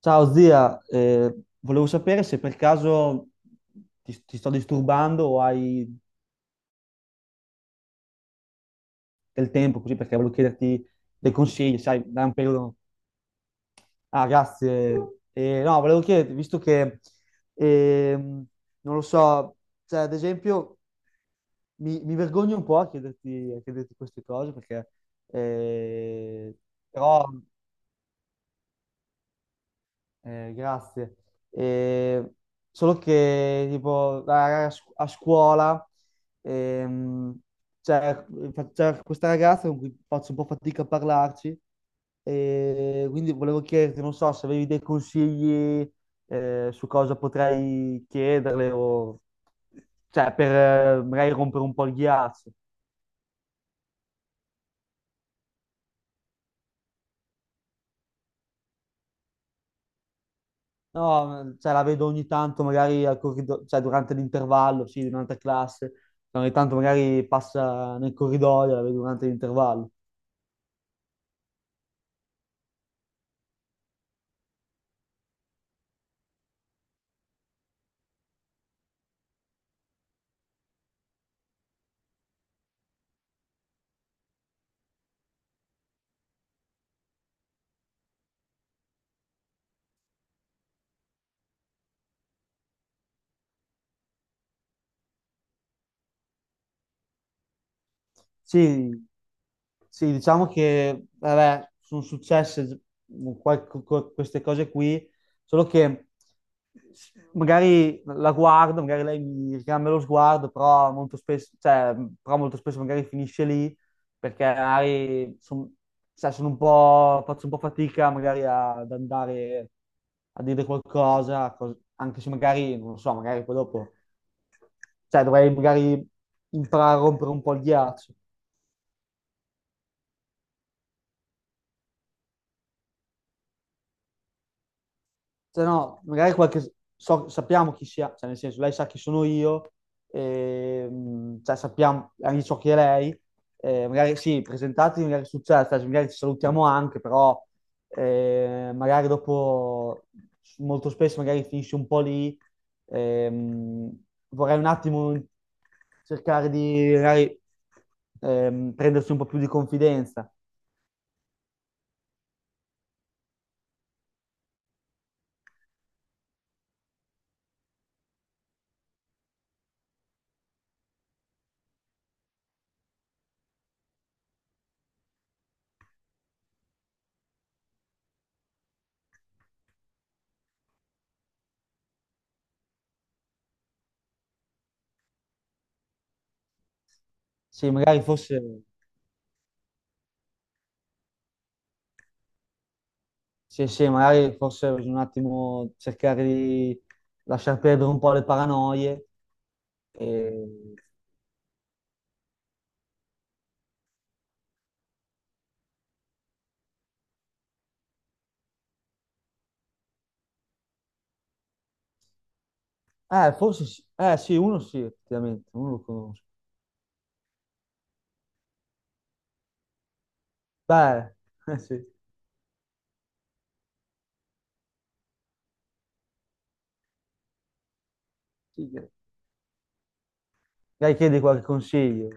Ciao zia, volevo sapere se per caso ti sto disturbando o hai del tempo così perché volevo chiederti dei consigli, sai, da un periodo... Ah, grazie. No, volevo chiederti, visto che, ehm, non lo so, cioè ad esempio mi vergogno un po' a chiederti queste cose perché, eh, però. Grazie. Eh, solo che tipo a scuola, ehm, c'è c'è questa ragazza con cui faccio un po' fatica a parlarci, e quindi volevo chiederti, non so, se avevi dei consigli su cosa potrei chiederle o cioè per magari rompere un po' il ghiaccio. No, cioè, la vedo ogni tanto magari al cioè, durante l'intervallo, sì, durante classe, cioè, ogni tanto magari passa nel corridoio, la vedo durante l'intervallo. Sì, sì, diciamo che vabbè, sono successe queste cose qui, solo che magari la guardo, magari lei mi ricambia lo sguardo, però molto spesso, cioè, però molto spesso magari finisce lì perché cioè, sono un po', faccio un po' fatica magari ad andare a dire qualcosa, anche se magari, non lo so, magari poi dopo, cioè dovrei magari imparare a rompere un po' il ghiaccio. Cioè, no, magari qualche... sappiamo chi sia, cioè nel senso, lei sa chi sono io, cioè sappiamo anche ciò che è lei, magari sì, presentatevi, magari succede, cioè, magari ci salutiamo anche, però magari dopo, molto spesso magari finisce un po' lì, ehm, vorrei un attimo cercare di magari prendersi un po' più di confidenza. Sì, magari forse... Sì, sì, magari forse bisogna un attimo cercare di lasciar perdere un po' le paranoie. E... forse sì. Sì, uno sì, effettivamente, uno lo conosco. Beh, sì. Sì, magari chiedi qualche consiglio.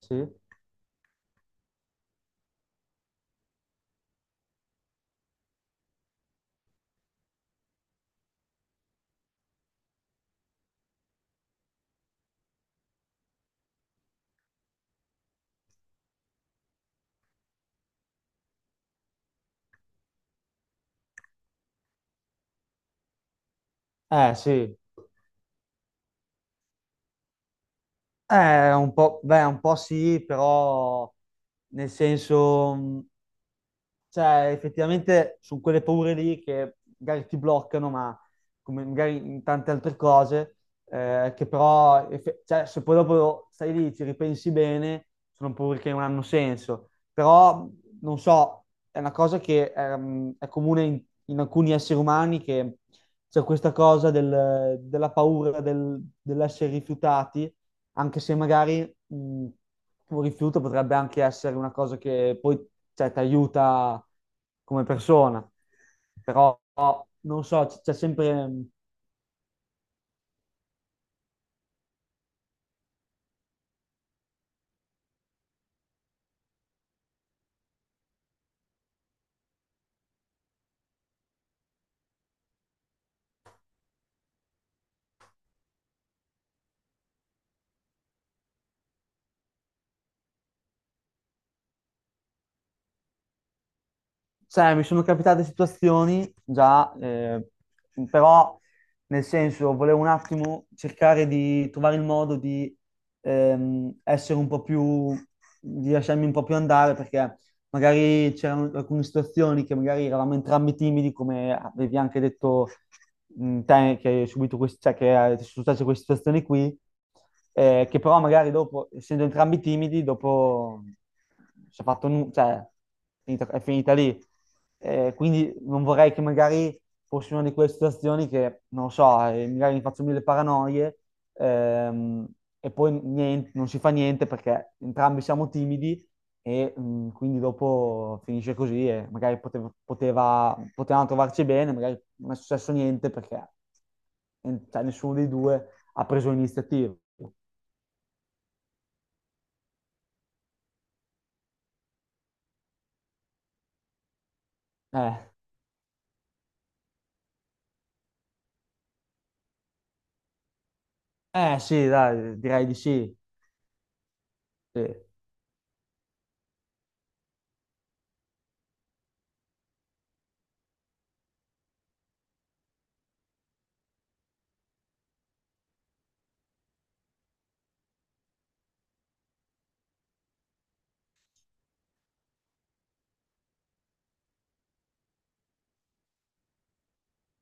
Sì? Sì. Un po', beh, un po' sì, però nel senso, cioè, effettivamente sono quelle paure lì che magari ti bloccano, ma come magari in tante altre cose, che però, cioè, se poi dopo stai lì, ci ripensi bene, sono paure che non hanno senso. Però, non so, è una cosa che è comune in, in alcuni esseri umani che c'è questa cosa della paura dell'essere rifiutati, anche se magari mh, un rifiuto potrebbe anche essere una cosa che poi cioè, ti aiuta come persona. Però non so, c'è sempre, cioè, mi sono capitate situazioni già, però nel senso volevo un attimo cercare di trovare il modo di essere un po' più, di lasciarmi un po' più andare, perché magari c'erano alcune situazioni che magari eravamo entrambi timidi, come avevi anche detto te, che hai subito cioè, che ti sono successe queste situazioni qui, che però magari dopo, essendo entrambi timidi, dopo si è fatto cioè, è finita lì. Quindi non vorrei che magari fosse una di quelle situazioni che, non lo so, magari mi faccio mille paranoie, ehm, e poi non si fa niente perché entrambi siamo timidi e quindi dopo finisce così e magari potevano trovarci bene, magari non è successo niente perché cioè, nessuno dei due ha preso l'iniziativa. Eh, sì, dai, direi di sì. Sì.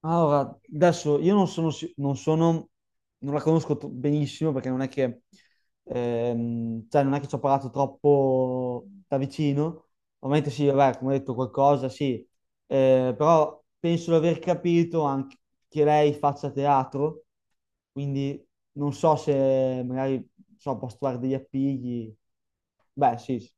Allora, adesso io non sono, si- non sono, non la conosco benissimo, perché non è che, cioè non è che ci ho parlato troppo da vicino. Ovviamente sì, vabbè, come ho detto qualcosa, sì. Però penso di aver capito anche che lei faccia teatro, quindi non so se magari, non so, posso trovare degli appigli. Beh, sì, sì.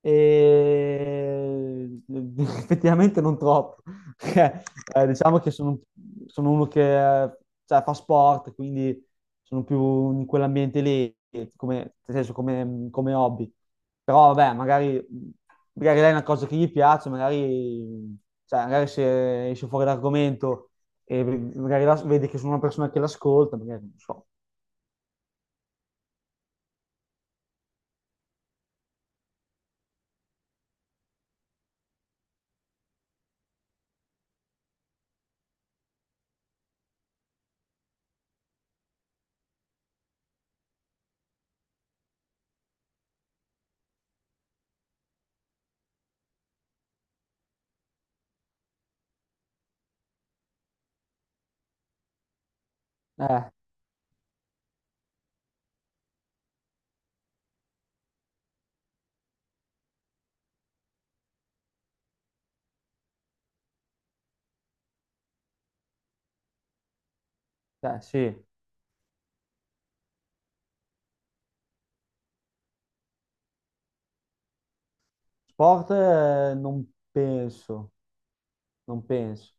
E effettivamente non troppo, perché diciamo che sono, sono uno che cioè, fa sport, quindi sono più in quell'ambiente lì, come, nel senso, come, come hobby. Però vabbè, magari, magari lei è una cosa che gli piace, magari, cioè, magari se esce fuori l'argomento e magari vede che sono una persona che l'ascolta, magari non so. Eh, cioè, sì, sport non penso. Non penso.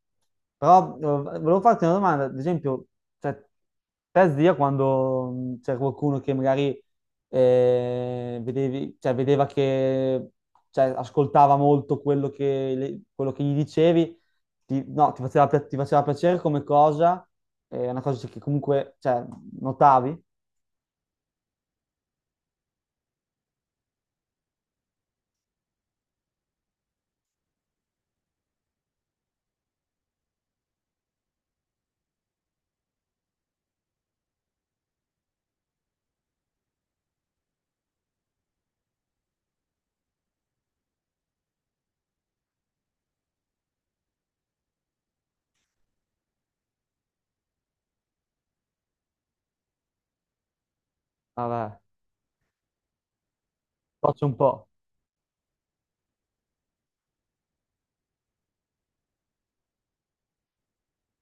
Però volevo farti una domanda, ad esempio, cioè, te zia quando c'era qualcuno che magari vedevi, cioè, vedeva che cioè, ascoltava molto quello che, quello che gli dicevi, ti, no, ti faceva, pi- ti faceva piacere come cosa, è una cosa che comunque cioè, notavi? Vabbè, faccio un po'.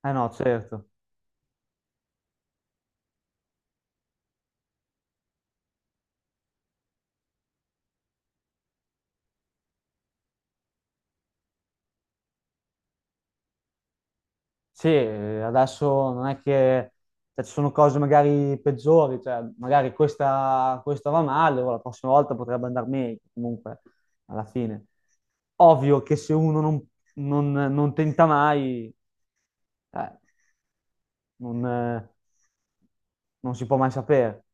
Eh no, certo. Sì, adesso non è che cioè, ci sono cose magari peggiori, cioè, magari questa, questa va male, o la prossima volta potrebbe andare meglio, comunque, alla fine. Ovvio che se uno non, non tenta mai, eh, non, non si può mai sapere.